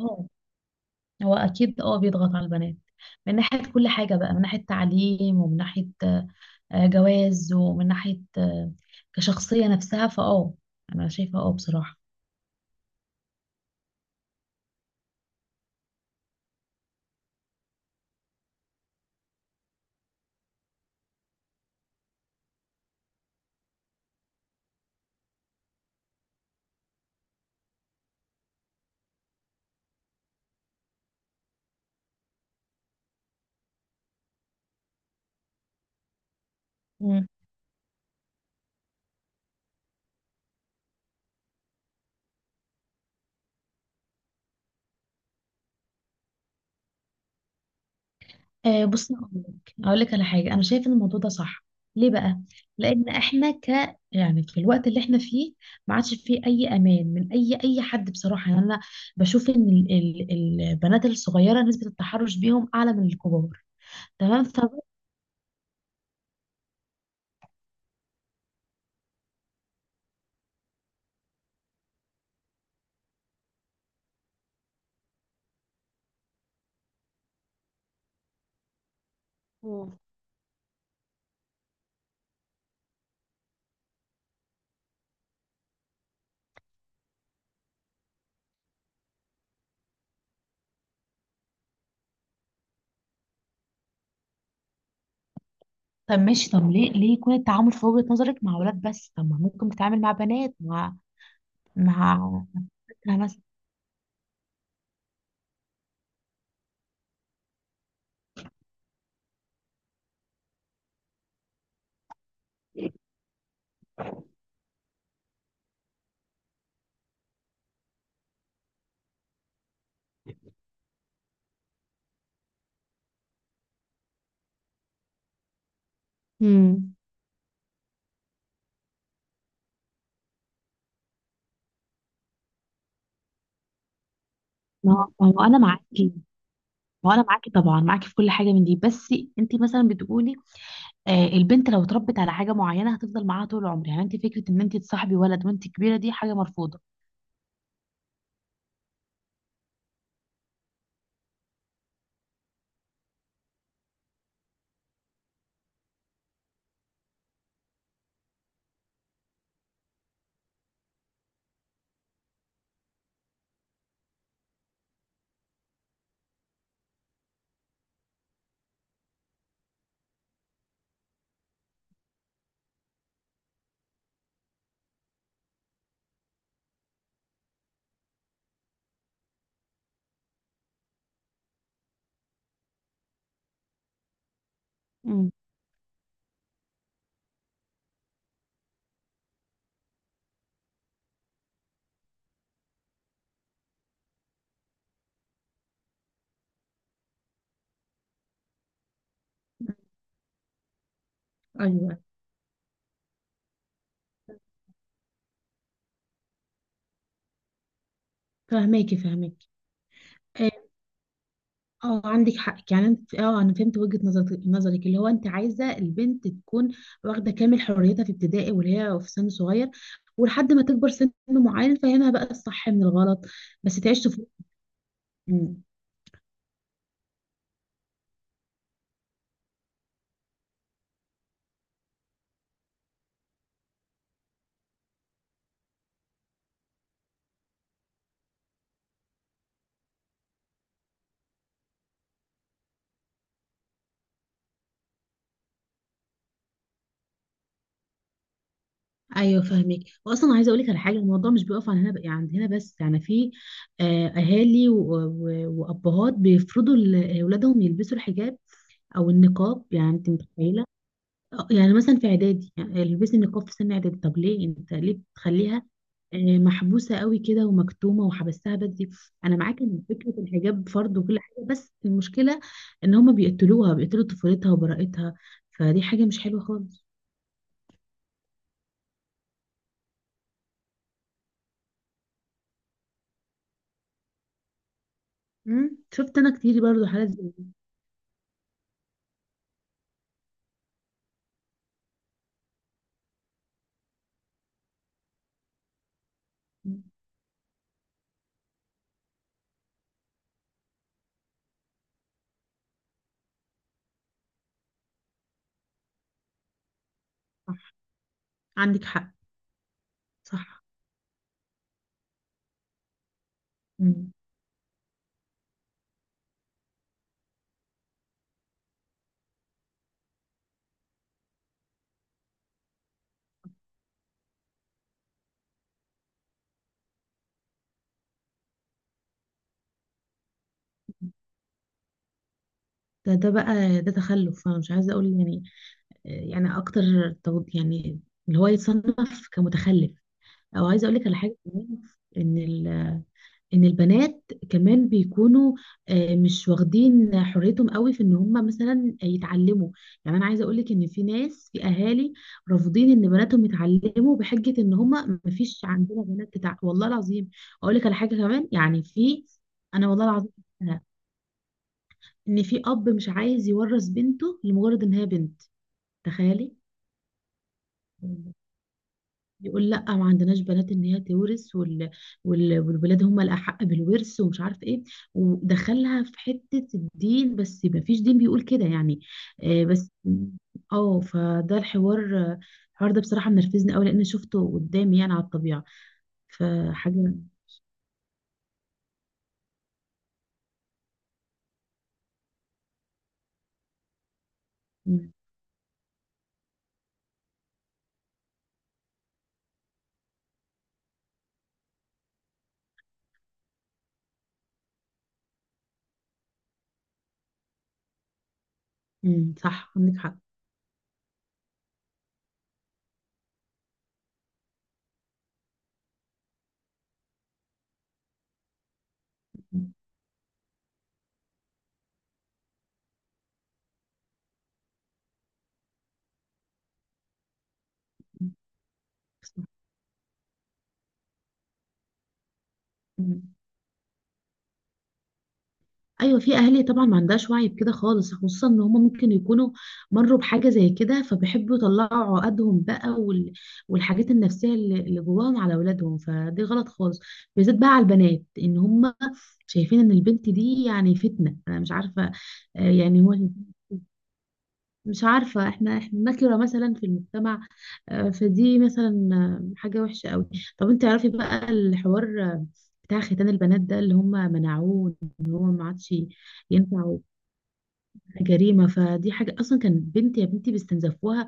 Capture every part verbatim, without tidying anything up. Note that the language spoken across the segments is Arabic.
اه. هو اكيد اه بيضغط على البنات من ناحيه كل حاجه بقى، من ناحيه تعليم ومن ناحيه آه، آه، جواز، ومن ناحيه آه، كشخصيه نفسها. فاه انا شايفه اه بصراحه. مم. آه، بص، اقول لك اقول لك على حاجه، انا شايفه ان الموضوع ده صح. ليه بقى؟ لان احنا ك يعني في الوقت اللي احنا فيه ما عادش فيه اي امان من اي اي حد بصراحه. يعني انا بشوف ان ال- ال- البنات الصغيره نسبه التحرش بيهم اعلى من الكبار. تمام. ف طب ماشي. طب ليه ليه يكون التعامل في وجهة نظرك مع ولاد بس؟ طب ما ممكن تتعامل مع بنات، مع مع بنتها مثلا. امم. ما هو ما هو انا معاكي ما هو انا معاكي طبعا، معاكي في كل حاجه من دي. بس انت مثلا بتقولي آه البنت لو اتربت على حاجه معينه هتفضل معاها طول العمر، يعني انت فكره ان انت تصاحبي ولد وانت كبيره دي حاجه مرفوضه. امم. ايوه. فهماكي فهماكي. اه عندك حق. يعني انت اه انا فهمت وجهة نظرك، نظرك اللي هو انت عايزه البنت تكون واخده كامل حريتها في ابتدائي واللي هي في سن صغير، ولحد ما تكبر سن معين فهمها بقى الصح من الغلط، بس تعيش طفولة. مم. ايوه فاهمك. واصلا عايزه اقول لك على حاجه: الموضوع مش بيقف عن هنا، عند هنا بس. يعني في آه، اهالي و- و- وابهات بيفرضوا لاولادهم يلبسوا الحجاب او النقاب. يعني انت متخيله آه، يعني مثلا في اعدادي، يعني البسي نقاب في سن اعدادي؟ طب ليه انت، ليه بتخليها آه، محبوسه قوي كده ومكتومه وحبستها بدري؟ انا معاك ان فكره الحجاب فرض وكل حاجه، بس المشكله ان هما بيقتلوها، بيقتلوا طفولتها وبراءتها. فدي حاجه مش حلوه خالص. مم. شفت انا كتير برضو حالات زي دي. مم. صح، عندك حق. صح. مم. ده ده بقى ده تخلف انا مش عايزه اقول يعني آه، يعني اكتر تو- يعني اللي هو يتصنف كمتخلف او عايزه اقول لك على حاجه كمان ان ال- ان البنات كمان بيكونوا آه، مش واخدين حريتهم قوي في ان هم مثلا يتعلموا يعني انا عايزه اقول لك ان في ناس في اهالي رافضين ان بناتهم يتعلموا بحجه ان هم مفيش عندنا بنات تتع... والله العظيم اقول لك على حاجه كمان يعني في انا والله العظيم شفتها، ان في اب مش عايز يورث بنته لمجرد ان هي بنت تخيلي يقول لا ما عندناش بنات ان هي تورث وال... وال... والولاد هم الاحق بالورث ومش عارف ايه ودخلها في حته الدين بس ما فيش دين بيقول كده يعني آه بس اه فده الحوار الحوار ده بصراحه منرفزني قوي لان شفته قدامي يعني على الطبيعه فحاجه مم. مم. صح عندك حق مم. مم. صح. مم. ايوه في اهالي طبعا ما عندهاش وعي بكده خالص، خصوصا ان هم ممكن يكونوا مروا بحاجه زي كده، فبيحبوا يطلعوا عقدهم بقى وال... والحاجات النفسيه اللي اللي جواهم على اولادهم. فدي غلط خالص، بالذات بقى على البنات ان هم شايفين ان البنت دي يعني فتنه، انا مش عارفه. آه، يعني هو مش عارفه، احنا احنا نكره مثلا في المجتمع، آه، فدي مثلا آه، حاجه وحشه قوي. طب انت تعرفي بقى الحوار آه، بتاع ختان البنات ده اللي هم منعوه، ان هو ما عادش ينفع؟ جريمة. فدي حاجة أصلا كان بنت يا بنتي بيستنزفوها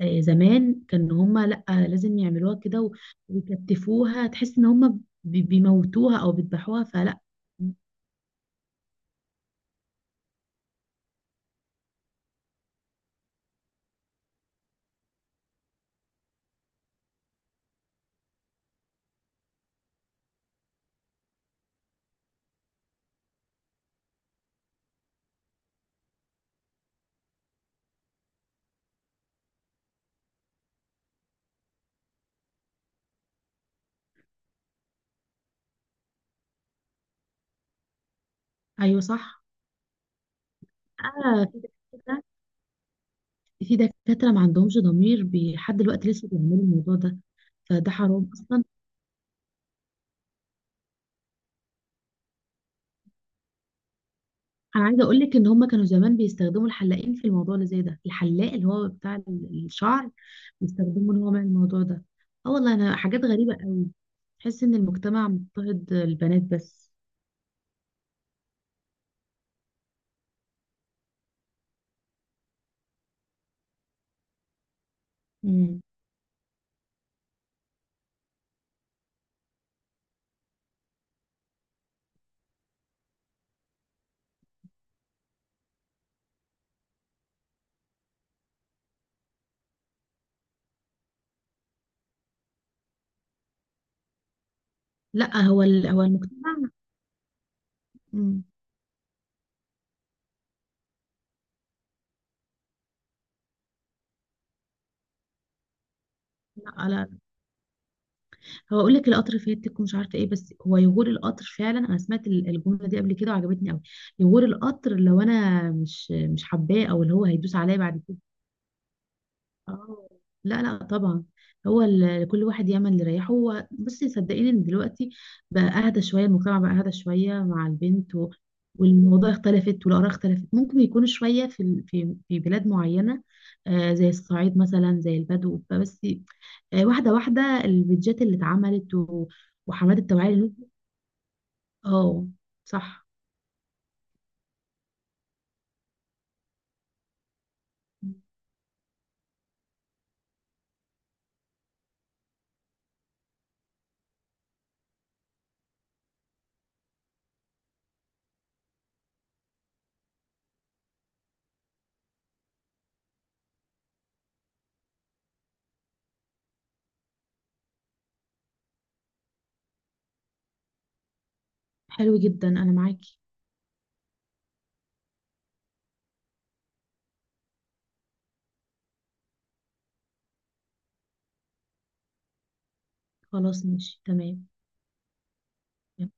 آه، زمان. كان هما لأ، لازم يعملوها كده و- ويكتفوها، تحس إن هما بي- بيموتوها أو بيذبحوها. فلأ. أيوه صح. آه في دكاترة، في دكاترة ما عندهمش ضمير، بي- لحد دلوقتي لسه بيعملوا الموضوع ده، فده حرام أصلا. انا عايزه اقول لك ان هم كانوا زمان بيستخدموا الحلاقين في الموضوع اللي زي ده، الحلاق اللي هو بتاع ال- الشعر، بيستخدموا ان هو يعمل الموضوع ده. اه والله انا حاجات غريبه قوي. تحس ان المجتمع مضطهد البنات بس. امم. لا هو ال... هو المجتمع. امم. لا لا، هو اقول لك: القطر فاتك ومش عارفه ايه. بس هو يغور القطر فعلا. انا سمعت ال- الجمله دي قبل كده وعجبتني قوي: يغور القطر لو انا مش مش حباه، او اللي هو هيدوس عليا بعد كده. اه. لا لا طبعا. هو ال- كل واحد يعمل اللي يريحه هو. بصي صدقيني، ان دلوقتي بقى اهدى شويه، المجتمع بقى اهدى شويه مع البنت و... والموضوع اختلفت والاراء اختلفت. ممكن يكونوا شويه في ال- في في بلاد معينه آه زي الصعيد مثلا، زي البدو. بس آه واحده واحده البيدجات اللي اتعملت و... وحملات التوعيه لل- اه. صح. حلو جدا، انا معاكي. خلاص ماشي. تمام.